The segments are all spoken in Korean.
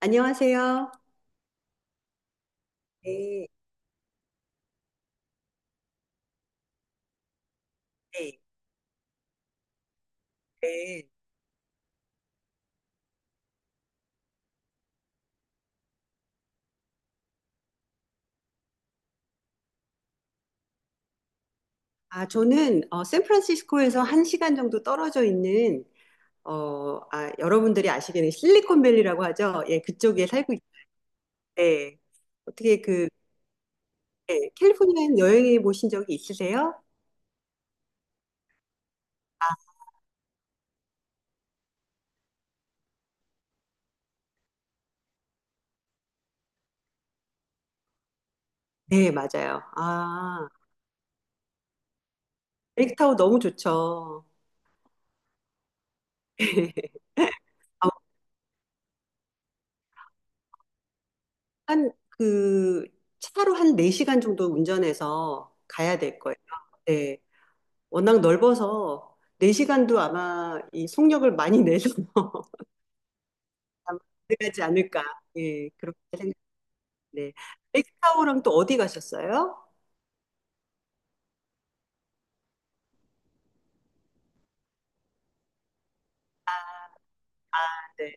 안녕하세요. 네, 네, 네. 저는 샌프란시스코에서 한시간 정도 떨어져 있는 여러분들이 아시기는 실리콘밸리라고 하죠. 예, 그쪽에 살고 있는데 어떻게 그 예, 캘리포니아 여행해 보신 적이 있으세요? 네, 맞아요. 아, 렉타워 너무 좋죠. 아, 한그 차로 한 네시간 정도 운전해서 가야 될 거예요. 네. 워낙 넓어서 4시간도 아마 이 속력을 많이 내서 아마 가능하지 않을까. 예, 그렇게 생각하는데. 엑스타워랑 또 어디 가셨어요? 네.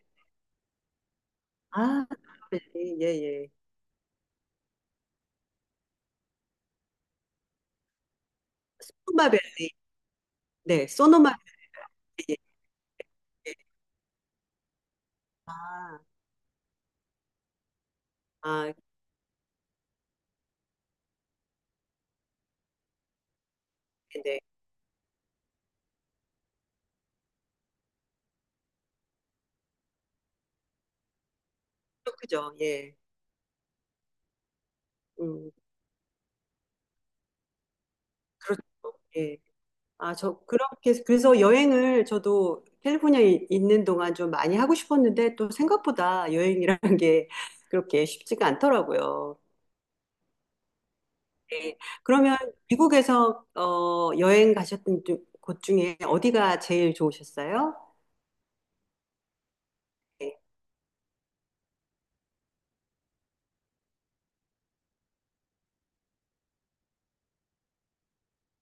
아, 노마벨이 예, 예. 소노마벨. 네, 소노마벨 예, 예. 아, 아, 네. 그렇죠. 예. 음, 그렇죠. 예. 그래서 여행을 저도 캘리포니아에 있는 동안 좀 많이 하고 싶었는데 또 생각보다 여행이라는 게 그렇게 쉽지가 않더라고요. 네. 그러면 미국에서 여행 곳 중에 어디가 제일 좋으셨어요? 네.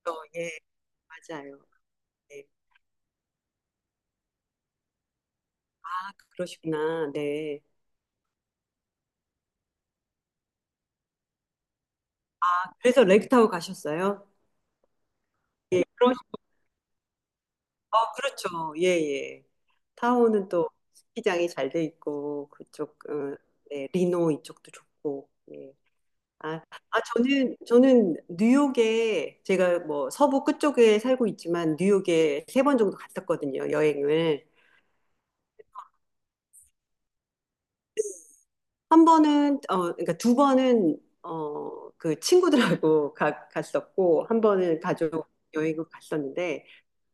예, 맞아요. 네. 아, 그러시구나. 네. 그래서 렉타워 가셨어요? 예, 그러, 어, 그렇죠. 예, 예. 타오는 또 스키장이 잘 돼 있고 네, 리노 이쪽도 좋고. 예. 아, 아, 저는 뉴욕에 제가 뭐 서부 끝쪽에 살고 있지만 뉴욕에 세 번 정도 갔었거든요. 여행을. 한 번은 그러니까 두 번은 그 친구들하고 갔었고 한 번은 가족 여행을 갔었는데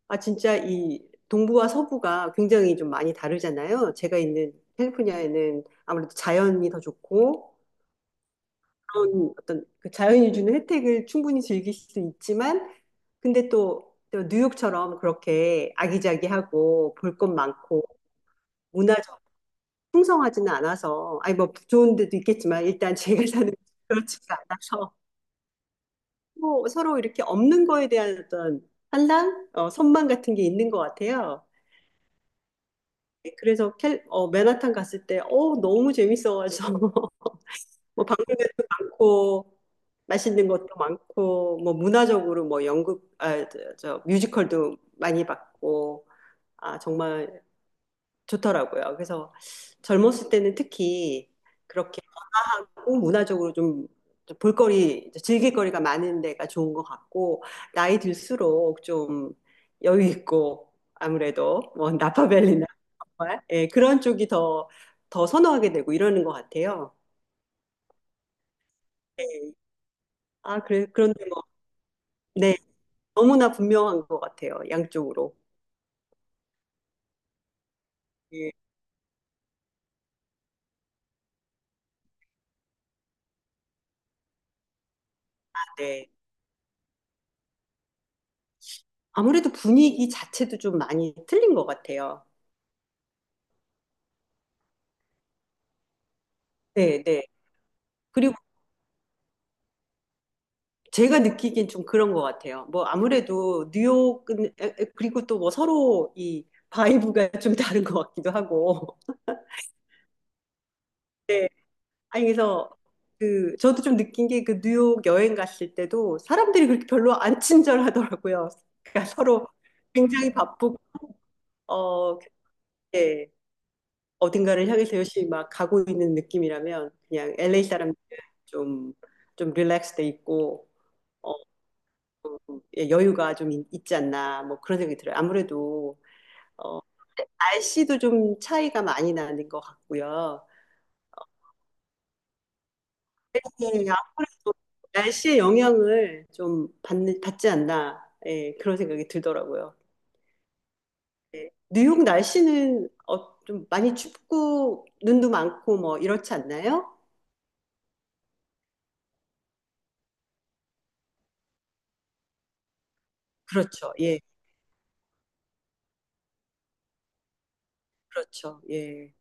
아 진짜 이 동부와 서부가 굉장히 좀 많이 다르잖아요. 제가 있는 캘리포니아에는 아무래도 자연이 더 좋고 그런 어떤 그 자연이 주는 혜택을 충분히 즐길 수 있지만 근데 또 뉴욕처럼 그렇게 아기자기하고 볼 것 많고 문화적 풍성하지는 않아서, 아니 뭐 좋은 데도 있겠지만 일단 제가 사는 곳은 그렇지가 않아서 뭐 서로 이렇게 없는 거에 대한 어떤 선망 같은 게 있는 것 같아요. 그래서 맨하탄 갔을 때, 어, 너무 재밌어가지고 뭐 방문객도 많고 맛있는 것도 많고 뭐 문화적으로 뭐 저 뮤지컬도 많이 봤고 아 정말 좋더라고요. 그래서 젊었을 때는 특히 문화적으로 좀 볼거리, 즐길거리가 많은 데가 좋은 것 같고, 나이 들수록 좀 여유 있고, 아무래도, 뭐, 나파밸리나, 정말, 예, 그런 쪽이 더, 더 선호하게 되고 이러는 것 같아요. 예. 그런데 뭐, 네, 너무나 분명한 것 같아요, 양쪽으로. 예, 네. 아무래도 분위기 자체도 좀 많이 틀린 것 같아요. 네, 네. 그리고 제가 느끼기엔 좀 그런 것 같아요. 뭐 아무래도 뉴욕은 그리고 또 뭐 서로 이 바이브가 좀 다른 것 같기도 하고. 네. 아니 그래서 그 저도 좀 느낀 게 그 뉴욕 여행 갔을 때도 사람들이 그렇게 별로 안 친절하더라고요. 그러니까 서로 굉장히 바쁘고 어 그게 어딘가를 향해서 열심히 막 가고 있는 느낌이라면 그냥 LA 사람들은 좀좀 릴렉스돼 있고 어, 예, 여유가 있지 않나 뭐 그런 생각이 들어요. 아무래도 어, 날씨도 좀 차이가 많이 나는 것 같고요. 예, 아무래도 날씨의 영향을 좀 받지 않나, 예, 그런 생각이 들더라고요. 예. 뉴욕 날씨는 어, 좀 많이 춥고 눈도 많고 뭐 이렇지 않나요? 그렇죠. 예, 그렇죠. 예.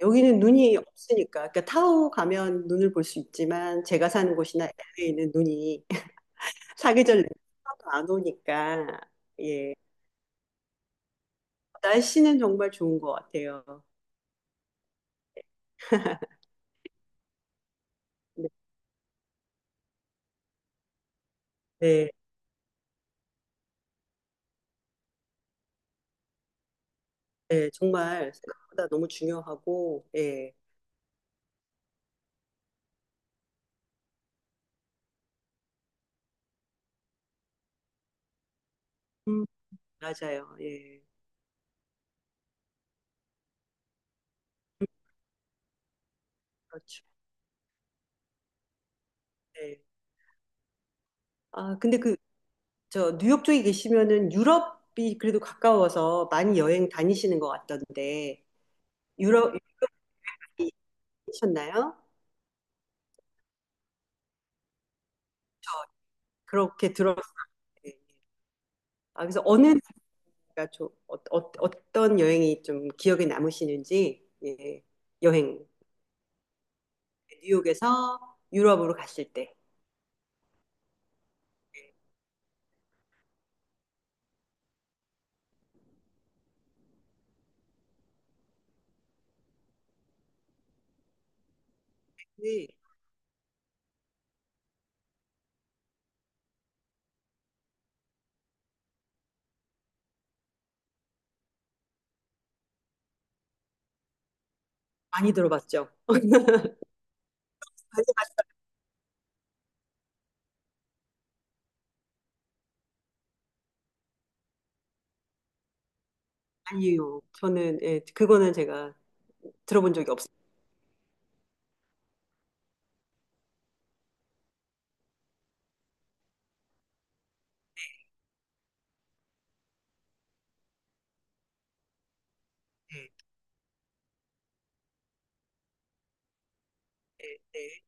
여기는 눈이 없으니까, 그러니까 타오 가면 눈을 볼 수 있지만 제가 사는 곳이나 LA는 눈이 사계절 내내 하나도 안 오니까, 예. 날씨는 정말 좋은 것 같아요. 네, 네, 네, 정말 생각보다 너무 중요하고, 예, 음, 맞아요, 예, 그렇죠, 예. 아, 근데 그, 뉴욕 쪽에 계시면은 유럽이 그래도 가까워서 많이 여행 다니시는 것 같던데, 유럽, 이셨나요? 그렇게 들었어요. 아, 그래서 어느 나라가 어떤 여행이 좀 기억에 남으시는지, 예, 여행, 뉴욕에서 유럽으로 갔을 때, 네, 많이 들어봤죠. 아니요. 저는 예, 그거는 제가 들어본 적이 없어요. 네, 네.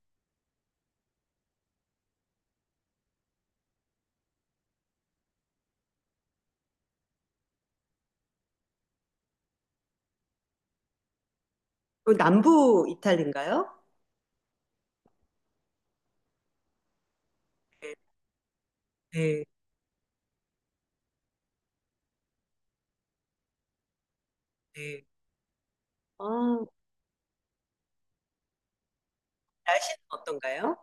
그 남부 이탈리인가요? 네, 네, 네. 아, 날씨는 어떤가요?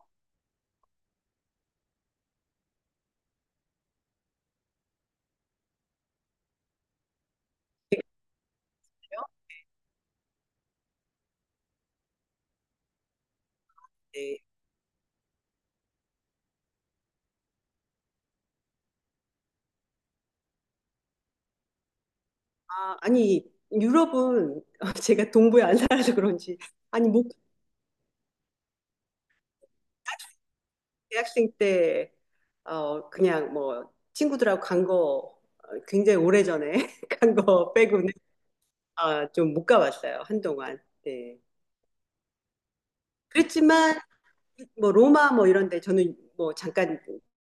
네, 그래요? 네. 아, 아니 유럽은 제가 동부에 안 살아서 그런지 아니 뭐 대학생 때 그냥 뭐 친구들하고 간거 굉장히 오래전에 간 거 빼고는 아, 좀 못 가봤어요. 한동안. 네. 그랬지만 뭐 로마 뭐 이런 데 저는 뭐 잠깐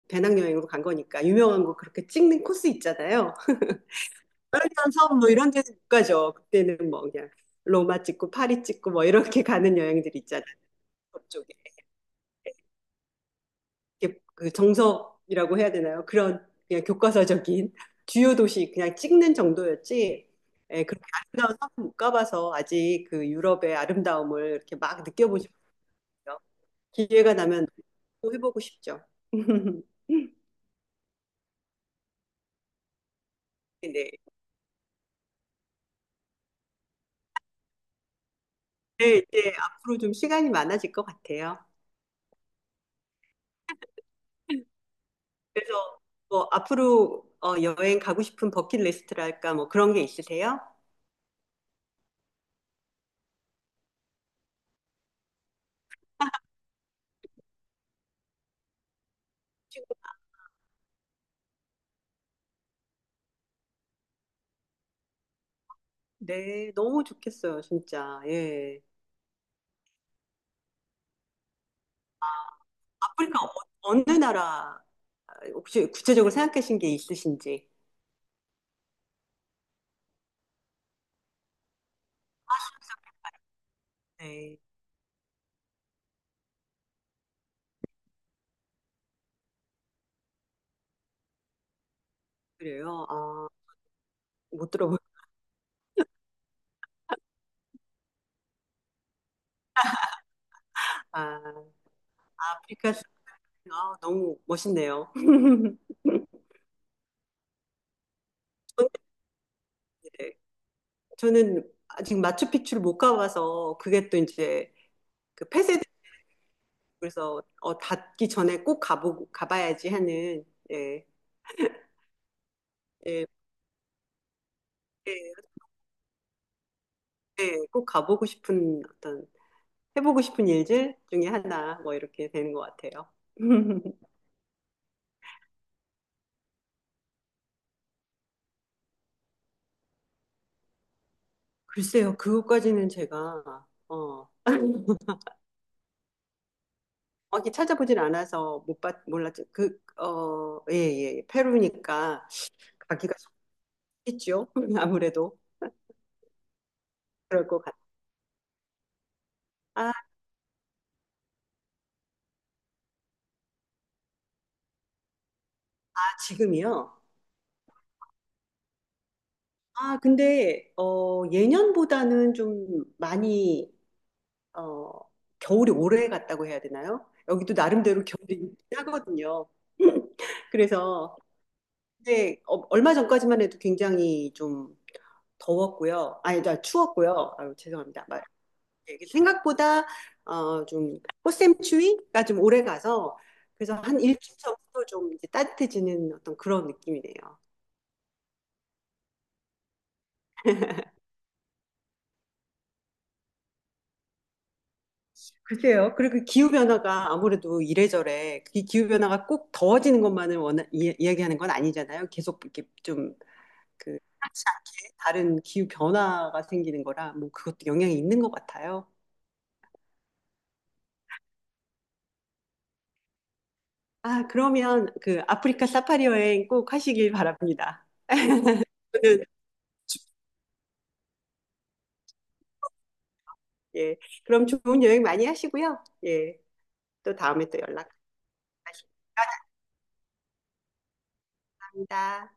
배낭여행으로 간 거니까 유명한 거 그렇게 찍는 코스 있잖아요. 그러면 섬뭐 이런 데는 못 가죠. 그때는 뭐 그냥 로마 찍고 파리 찍고 뭐 이렇게 가는 여행들이 있잖아요. 그쪽에. 이게 그 정석이라고 해야 되나요? 그런 그냥 교과서적인 주요 도시 그냥 찍는 정도였지. 예, 그렇게 아름다운 섬은 못 가봐서 아직 그 유럽의 아름다움을 이렇게 막 느껴보시고요. 기회가 나면 또 해보고 싶죠. 네. 네, 이제 앞으로 좀 시간이 많아질 것 같아요. 그래서 뭐 앞으로 여행 가고 싶은 버킷리스트랄까 뭐 그런 게 있으세요? 지금- 네, 너무 좋겠어요, 진짜. 예. 아프리카 어느 나라 혹시 구체적으로 생각하신 게 있으신지? 네, 그래요. 아, 못 들어본. 아, 아프리카 아, 너무 멋있네요. 저는 네. 저는 아직 마추픽추를 못 가봐서 그게 또 이제 그 폐쇄 그래서 어, 닫기 전에 꼭 가보고 가봐야지 하는 예, 예, 예, 예, 꼭 가보고 싶은 어떤 해보고 싶은 일들 중에 하나 뭐 이렇게 되는 것 같아요. 글쎄요, 그것까지는 제가 어 어디 찾아보진 않아서 못 봤, 몰랐죠. 예, 예, 예. 페루니까 가기가 쉽겠죠. 아무래도 그럴 것 같아요. 아, 지금이요? 예년보다는 좀 많이 어, 겨울이 오래 갔다고 해야 되나요? 여기도 나름대로 겨울이 짜거든요. 그래서 근데 얼마 전까지만 해도 굉장히 좀 더웠고요. 아니, 나 추웠고요. 아유, 죄송합니다. 말- 이게 생각보다 좀 꽃샘추위가 좀 오래 가서 그래서 한 일주일 전부터 좀 이제 따뜻해지는 어떤 그런 느낌이네요. 글쎄요. 그리고 기후 변화가 아무래도 이래저래 이 기후 변화가 꼭 더워지는 것만을 야기하는건 아니잖아요. 계속 이렇게 좀 그 하지 않게 다른 기후 변화가 생기는 거라 뭐 그것도 영향이 있는 것 같아요. 아, 그러면 그 아프리카 사파리 여행 꼭 하시길 바랍니다. 저는, 예, 그럼 좋은 여행 많이 하시고요. 예, 또 다음에 또 연락하시기 바랍니다.